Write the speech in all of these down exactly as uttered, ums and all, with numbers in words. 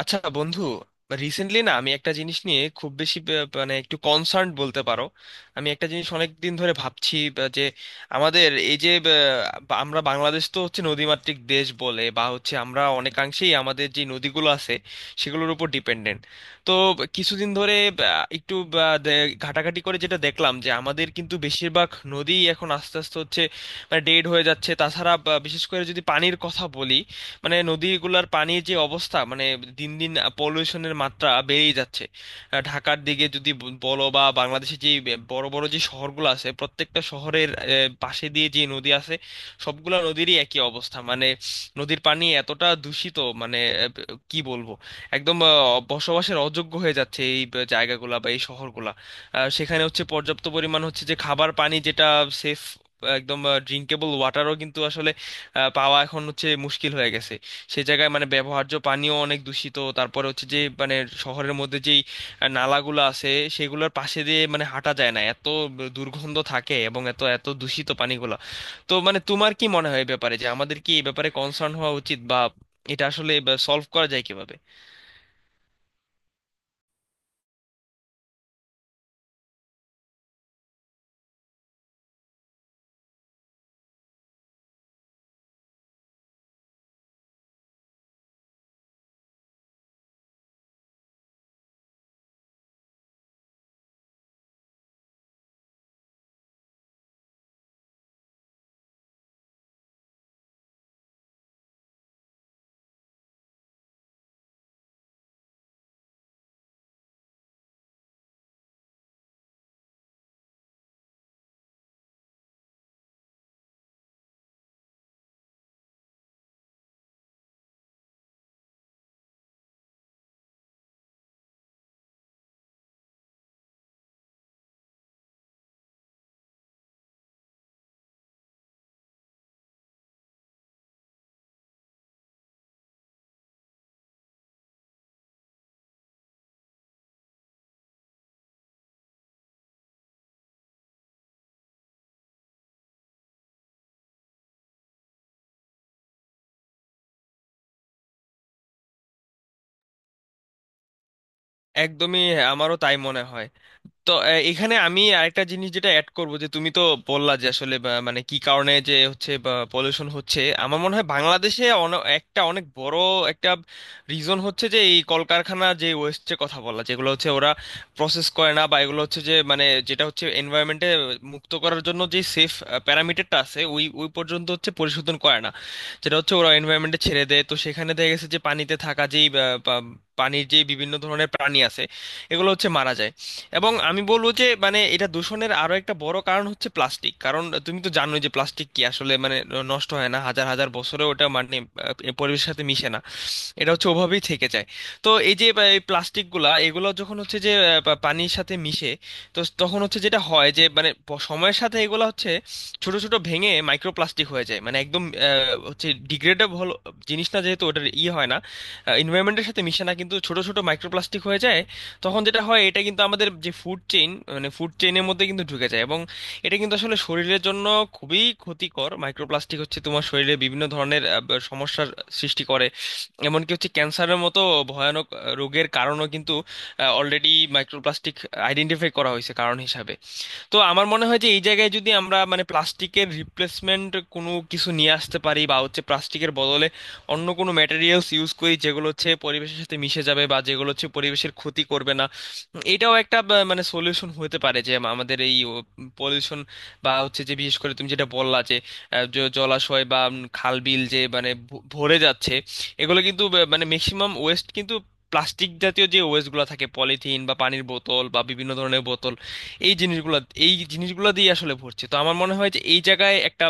আচ্ছা, বন্ধু। রিসেন্টলি না আমি একটা জিনিস নিয়ে খুব বেশি বে- মানে একটু কনসার্ন বলতে পারো। আমি একটা জিনিস অনেক দিন ধরে ভাবছি বা যে আমাদের এই যে বা- বা আমরা, বাংলাদেশ তো হচ্ছে নদীমাতৃক দেশ বলে বা হচ্ছে আমরা অনেকাংশেই আমাদের যে নদীগুলো আছে সেগুলোর উপর ডিপেন্ডেন্ট। তো কিছুদিন ধরে বা, একটু বা, দে- ঘাটাঘাটি করে যেটা দেখলাম যে আমাদের কিন্তু বেশিরভাগ নদী এখন আস্তে আস্তে হচ্ছে মানে ডেড হয়ে যাচ্ছে। তাছাড়া বা, বিশেষ করে যদি পানির কথা বলি, মানে নদীগুলোর পানির যে অবস্থা, মানে দিন দিন পলিউশনের মাত্রা বেড়েই যাচ্ছে। আহ, ঢাকার দিকে যদি ব- বলো বা বাংলাদেশে যে বে- বড় বড় যে শহরগুলো আছে প্রত্যেকটা শহরের আহ, পাশে দিয়ে যে নদী আছে সবগুলা নদীরই একই অবস্থা। মানে নদীর পানি এতটা দূষিত মানে আহ, ব- কি বলবো, একদম আহ, বসবাসের অযোগ্য হয়ে যাচ্ছে এই ব- জায়গাগুলা বা এই শহরগুলা। আহ, সেখানে হচ্ছে পর্যাপ্ত পরিমাণ হচ্ছে যে খাবার পানি যেটা সেফ, একদম ড্রিঙ্কেবল ওয়াটারও কিন্তু আসলে আহ, পাওয়া এখন হচ্ছে মুশকিল হয়ে গেছে। সেই জায়গায় মানে ব্যবহার্য পানিও অনেক দূষিত। তারপরে হচ্ছে যে মানে শহরের মধ্যে যেই আহ, নালাগুলো আছে সেগুলোর পাশে দিয়ে মানে হাঁটা যায় না, এত দুর্গন্ধ থাকে এবং এত এত দূষিত পানিগুলো। তো মানে তোমার কি মনে হয় এই ব্যাপারে, যে আমাদের কি এই ব্যাপারে কনসার্ন হওয়া উচিত বা এটা আসলে সলভ করা যায় কিভাবে? একদমই হ্যাঁ, আমারও তাই মনে হয়। তো আহ, এখানে আমি আরেকটা জিনিস যেটা অ্যাড করব যে তুমি তো বললা যে আসলে বা, মানে কি কারণে যে হচ্ছে পলিউশন, হচ্ছে আমার মনে হয় বাংলাদেশে অন- একটা অনেক বড় একটা রিজন হচ্ছে যে এই কলকারখানা যে ওয়েস্টের কথা বলা, যেগুলো হচ্ছে ওরা প্রসেস করে না বা এগুলো হচ্ছে যে মানে যেটা হচ্ছে এনভায়রনমেন্টে মুক্ত করার জন্য যে সেফ প্যারামিটারটা আছে ওই ওই পর্যন্ত হচ্ছে পরিশোধন করে না, যেটা হচ্ছে ওরা এনভায়রনমেন্টে ছেড়ে দেয়। তো সেখানে দেখা গেছে যে পানিতে থাকা যেই আহ, পা- পানির যে বিভিন্ন ধরনের প্রাণী আছে এগুলো হচ্ছে মারা যায়। এবং আমি বলবো যে মানে এটা দূষণের আরো একটা বড় কারণ হচ্ছে প্লাস্টিক, কারণ তুমি তো জানোই যে প্লাস্টিক কি আসলে মানে নষ্ট হয় না হাজার হাজার বছরে, ওটা মানে আহ, পরিবেশের সাথে মিশে না, এটা হচ্ছে ওভাবেই থেকে যায়। তো এই যে আহ, এই প্লাস্টিকগুলা এগুলো যখন হচ্ছে যে আহ, পা- পানির সাথে মিশে, তো স- তখন হচ্ছে যেটা হয় যে মানে প- সময়ের সাথে এগুলো হচ্ছে ছোট ছোট ভেঙে মাইক্রোপ্লাস্টিক হয়ে যায়, মানে একদম আহ, হচ্ছে ডিগ্রেডেবল জিনিস না যেহেতু ওটার ইয়ে হয় না, এনভায়রনমেন্টের সাথে মিশে না কিন্তু ছোট ছোট মাইক্রোপ্লাস্টিক হয়ে যায়। তখন যেটা হয় এটা কিন্তু আমাদের যে ফুড চেইন মানে ফুড চেইনের মধ্যে কিন্তু ঢুকে যায় এবং এটা কিন্তু আসলে শরীরের জন্য খুবই ক্ষতিকর। মাইক্রোপ্লাস্টিক হচ্ছে তোমার শরীরে বিভিন্ন ধরনের আহ, সমস্যার সৃষ্টি করে, এমনকি হচ্ছে ক্যান্সারের মতো ভয়ানক আহ, রোগের কারণও কিন্তু অলরেডি মাইক্রোপ্লাস্টিক আইডেন্টিফাই করা হয়েছে কারণ হিসাবে। তো আমার মনে হয় যে এই জায়গায় যদি আমরা মানে প্লাস্টিকের রিপ্লেসমেন্ট কোনো কিছু নিয়ে আসতে পারি বা হচ্ছে প্লাস্টিকের বদলে অন্য কোনো ম্যাটেরিয়ালস ইউজ করি যেগুলো হচ্ছে পরিবেশের সাথে মিশে যাবে বা যেগুলো হচ্ছে পরিবেশের ক্ষতি করবে না, এটাও একটা বা- মানে সলিউশন হতে পারে যে আম- আমাদের এই পলিউশন বা হচ্ছে যে বিশেষ করে তুমি যেটা বললা যে আহ, জ- জলাশয় বা উম, খাল বিল যে মানে ভ- ভরে যাচ্ছে, এগুলো কিন্তু ব- মানে ম্যাক্সিমাম ওয়েস্ট কিন্তু প্লাস্টিক জাতীয় যে ওয়েস্টগুলো থাকে পলিথিন বা পানির বোতল বা বিভিন্ন ধরনের বোতল, এই জিনিসগুলো এই জিনিসগুলো দিয়ে আসলে ভরছে। তো আমার মনে হয় যে এই জায়গায় একটা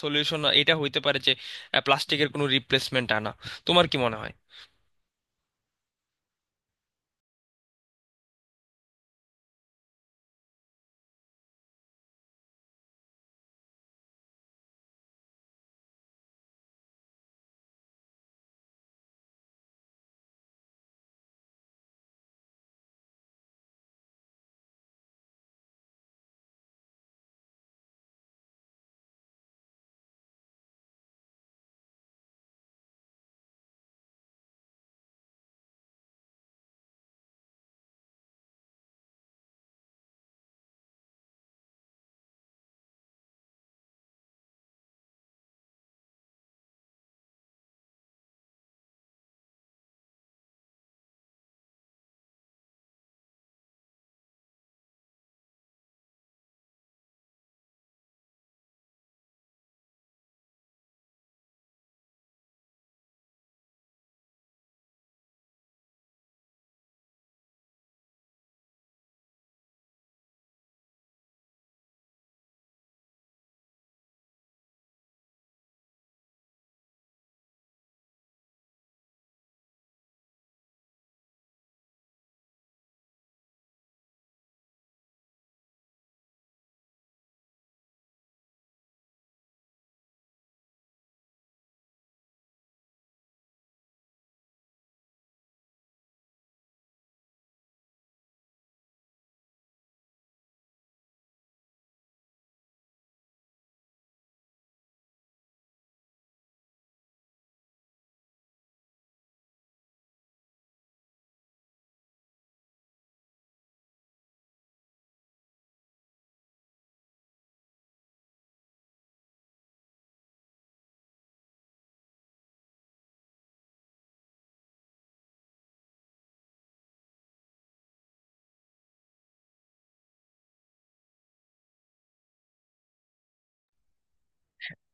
সলিউশন এটা হইতে পারে যে প্লাস্টিকের কোনো রিপ্লেসমেন্ট আনা। তোমার কি মনে হয়?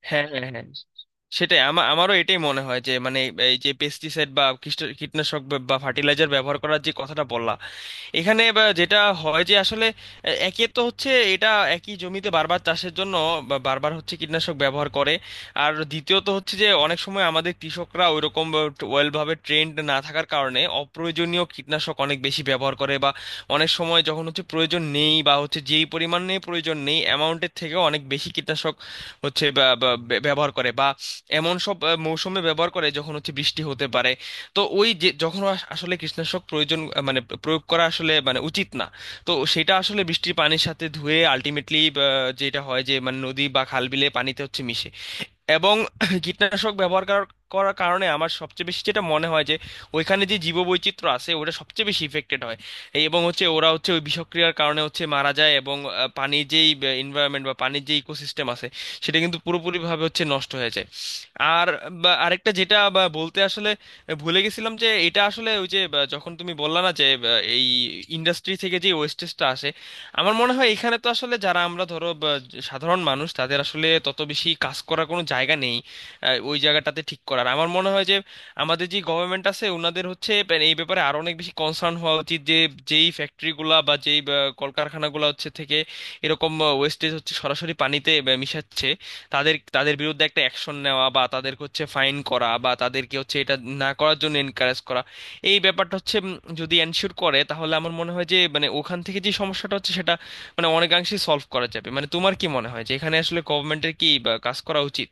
হ্যাঁ, হ্যাঁ, হ্যাঁ, সেটাই আমার আমারও এটাই মনে হয় যে মানে এই যে পেস্টিসাইড বা কীষ্ট- কীটনাশক বা ফার্টিলাইজার ব্যবহার করার যে কথাটা বললাম, এখানে বা যেটা হয় যে আসলে এ- একে তো হচ্ছে এটা একই জমিতে বারবার চাষের জন্য বা- বারবার হচ্ছে কীটনাশক ব্যবহার করে। আর দ্বিতীয়ত হচ্ছে যে অনেক সময় আমাদের কৃষকরা ওইরকম ওয়েল ভাবে ট্রেন্ড না থাকার কারণে অপ্রয়োজনীয় কীটনাশক অনেক বেশি ব্যবহার করে, বা অনেক সময় যখন হচ্ছে প্রয়োজন নেই বা হচ্ছে যেই পরিমাণ নিয়ে প্রয়োজন নেই অ্যামাউন্টের থেকেও অনেক বেশি কীটনাশক হচ্ছে বা- বা- ব্যবহার করে, বা এমন সব আহ, মৌসুমে ব্যবহার করে যখন হচ্ছে বৃষ্টি হতে পারে। তো ওই যে যখন আস- আসলে কীটনাশক প্রয়োজন আহ, মানে প্রয়োগ করা আসলে মানে উচিত না, তো সেটা আসলে বৃষ্টির পানির সাথে ধুয়ে আলটিমেটলি যেটা হয় যে মানে নদী বা খাল বিলে পানিতে হচ্ছে মিশে। এবং কীটনাশক ব্যবহার করার করার কারণে আমার সবচেয়ে বেশি যেটা মনে হয় যে ওইখানে যে জীববৈচিত্র্য আছে ওটা সবচেয়ে বেশি ইফেক্টেড হয়। এই এবং হচ্ছে ওরা হচ্ছে ওই বিষক্রিয়ার কারণে হচ্ছে মারা যায় এবং আহ, পানির যেই এনভায়রনমেন্ট বা পানির যে ইকোসিস্টেম আছে সেটা কিন্তু পুরোপুরিভাবে হচ্ছে নষ্ট হয়ে যায়। আর বা, আরেকটা যেটা বা, বলতে আসলে ভুলে গেছিলাম যে এটা আসলে ওই যে বা, যখন তুমি বললা না যে বা, এই ইন্ডাস্ট্রি থেকে যে ওয়েস্টেজটা আসে, আমার মনে হয় এখানে তো আসলে যারা আমরা ধরো বা, জ- সাধারণ মানুষ তাদের আসলে তত বেশি কাজ করার কোনো জায়গা নেই। আহ, ওই জায়গাটাতে ঠিক করার আমার মনে হয় যে আমাদের যে গভর্নমেন্ট আছে ওনাদের হচ্ছে প্যা- এই ব্যাপারে আরো অনেক বেশি কনসার্ন হওয়া উচিত যে যেই ফ্যাক্টরিগুলা বা যেই বা, কলকারখানাগুলা হচ্ছে থেকে এরকম ওয়েস্টেজ হচ্ছে সরাসরি পানিতে বা, মিশাচ্ছে, তাদের তাদের বিরুদ্ধে একটা অ্যাকশন নেওয়া বা তাদেরকে হচ্ছে ফাইন করা বা তাদেরকে হচ্ছে এটা না করার জন্য এনকারেজ করা, এই ব্যাপারটা হচ্ছে উম, যদি এনশিওর করে তাহলে আমার মনে হয় যে মানে ওখান থেকে যে সমস্যাটা হচ্ছে সেটা মানে অনেকাংশেই সলভ করা যাবে। মানে তোমার কি মনে হয় যে এখানে আসলে গভর্নমেন্টের কি বা, কাজ করা উচিত?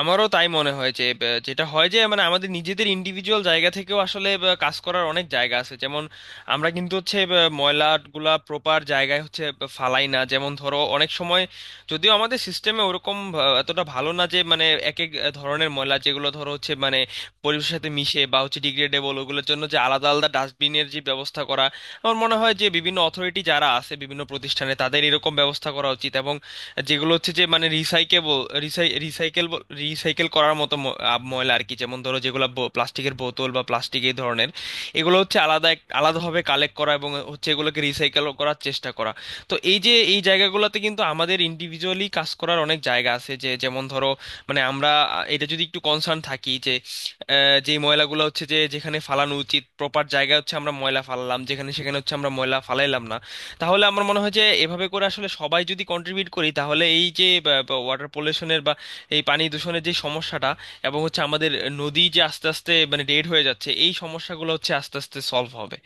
আমারও তাই মনে হয় যে আহ, যেটা হয় যে মানে আমাদের নিজেদের ইন্ডিভিজুয়াল জায়গা থেকেও আসলে আহ, কাজ করার অনেক জায়গা আছে। যেমন আমরা কিন্তু হচ্ছে আহ, ময়লাগুলা প্রপার জায়গায় হচ্ছে আহ, ফালাই না। যেমন ধরো অনেক সময় যদিও আমাদের সিস্টেমে ওরকম আহ, এতটা ভালো না যে মানে এক এক ধরনের ময়লা যেগুলো ধরো হচ্ছে মানে পরিবেশের সাথে মিশে বা হচ্ছে ডিগ্রেডেবল, ওগুলোর জন্য যে আলাদা আলাদা ডাস্টবিনের যে ব্যবস্থা করা, আমার মনে হয় যে বিভিন্ন অথরিটি যারা আছে বিভিন্ন প্রতিষ্ঠানে তাদের এরকম ব্যবস্থা করা উচিত এবং যেগুলো হচ্ছে যে মানে রিসাইকেবল রিসাইকেল রিসাইকেল করার মতো ম- আব- ময়লা আর কি, যেমন ধরো যেগুলো প্লাস্টিকের বোতল বা প্লাস্টিক এই ধরনের, এগুলো হচ্ছে আলাদা এক- আলাদাভাবে কালেক্ট করা এবং হচ্ছে এগুলোকে রিসাইকেল করার চেষ্টা করা। তো এই যে এই জায়গাগুলোতে কিন্তু আমাদের ইন্ডিভিজুয়ালি কাজ করার অনেক জায়গা আছে, যে যেমন ধরো মানে আমরা আহ, এটা যদি একটু কনসার্ন থাকি যে আহ, যে ময়লাগুলো হচ্ছে যে যেখানে ফালানো উচিত প্রপার জায়গা, হচ্ছে আমরা ময়লা ফালালাম, যেখানে সেখানে হচ্ছে আমরা ময়লা ফালাইলাম না, তাহলে আমার মনে হয় যে এভাবে করে আসলে সবাই যদি কন্ট্রিবিউট করি, তাহলে এই যে ওয়াটার পলিউশনের বা এই পানি দূষণের যে সমস্যাটা এবং হচ্ছে আমাদের নদী যে আস্তে আস্তে মানে ডেড হয়ে যাচ্ছে এই সমস্যাগুলো হচ্ছে আস্তে আস্তে সলভ হবে।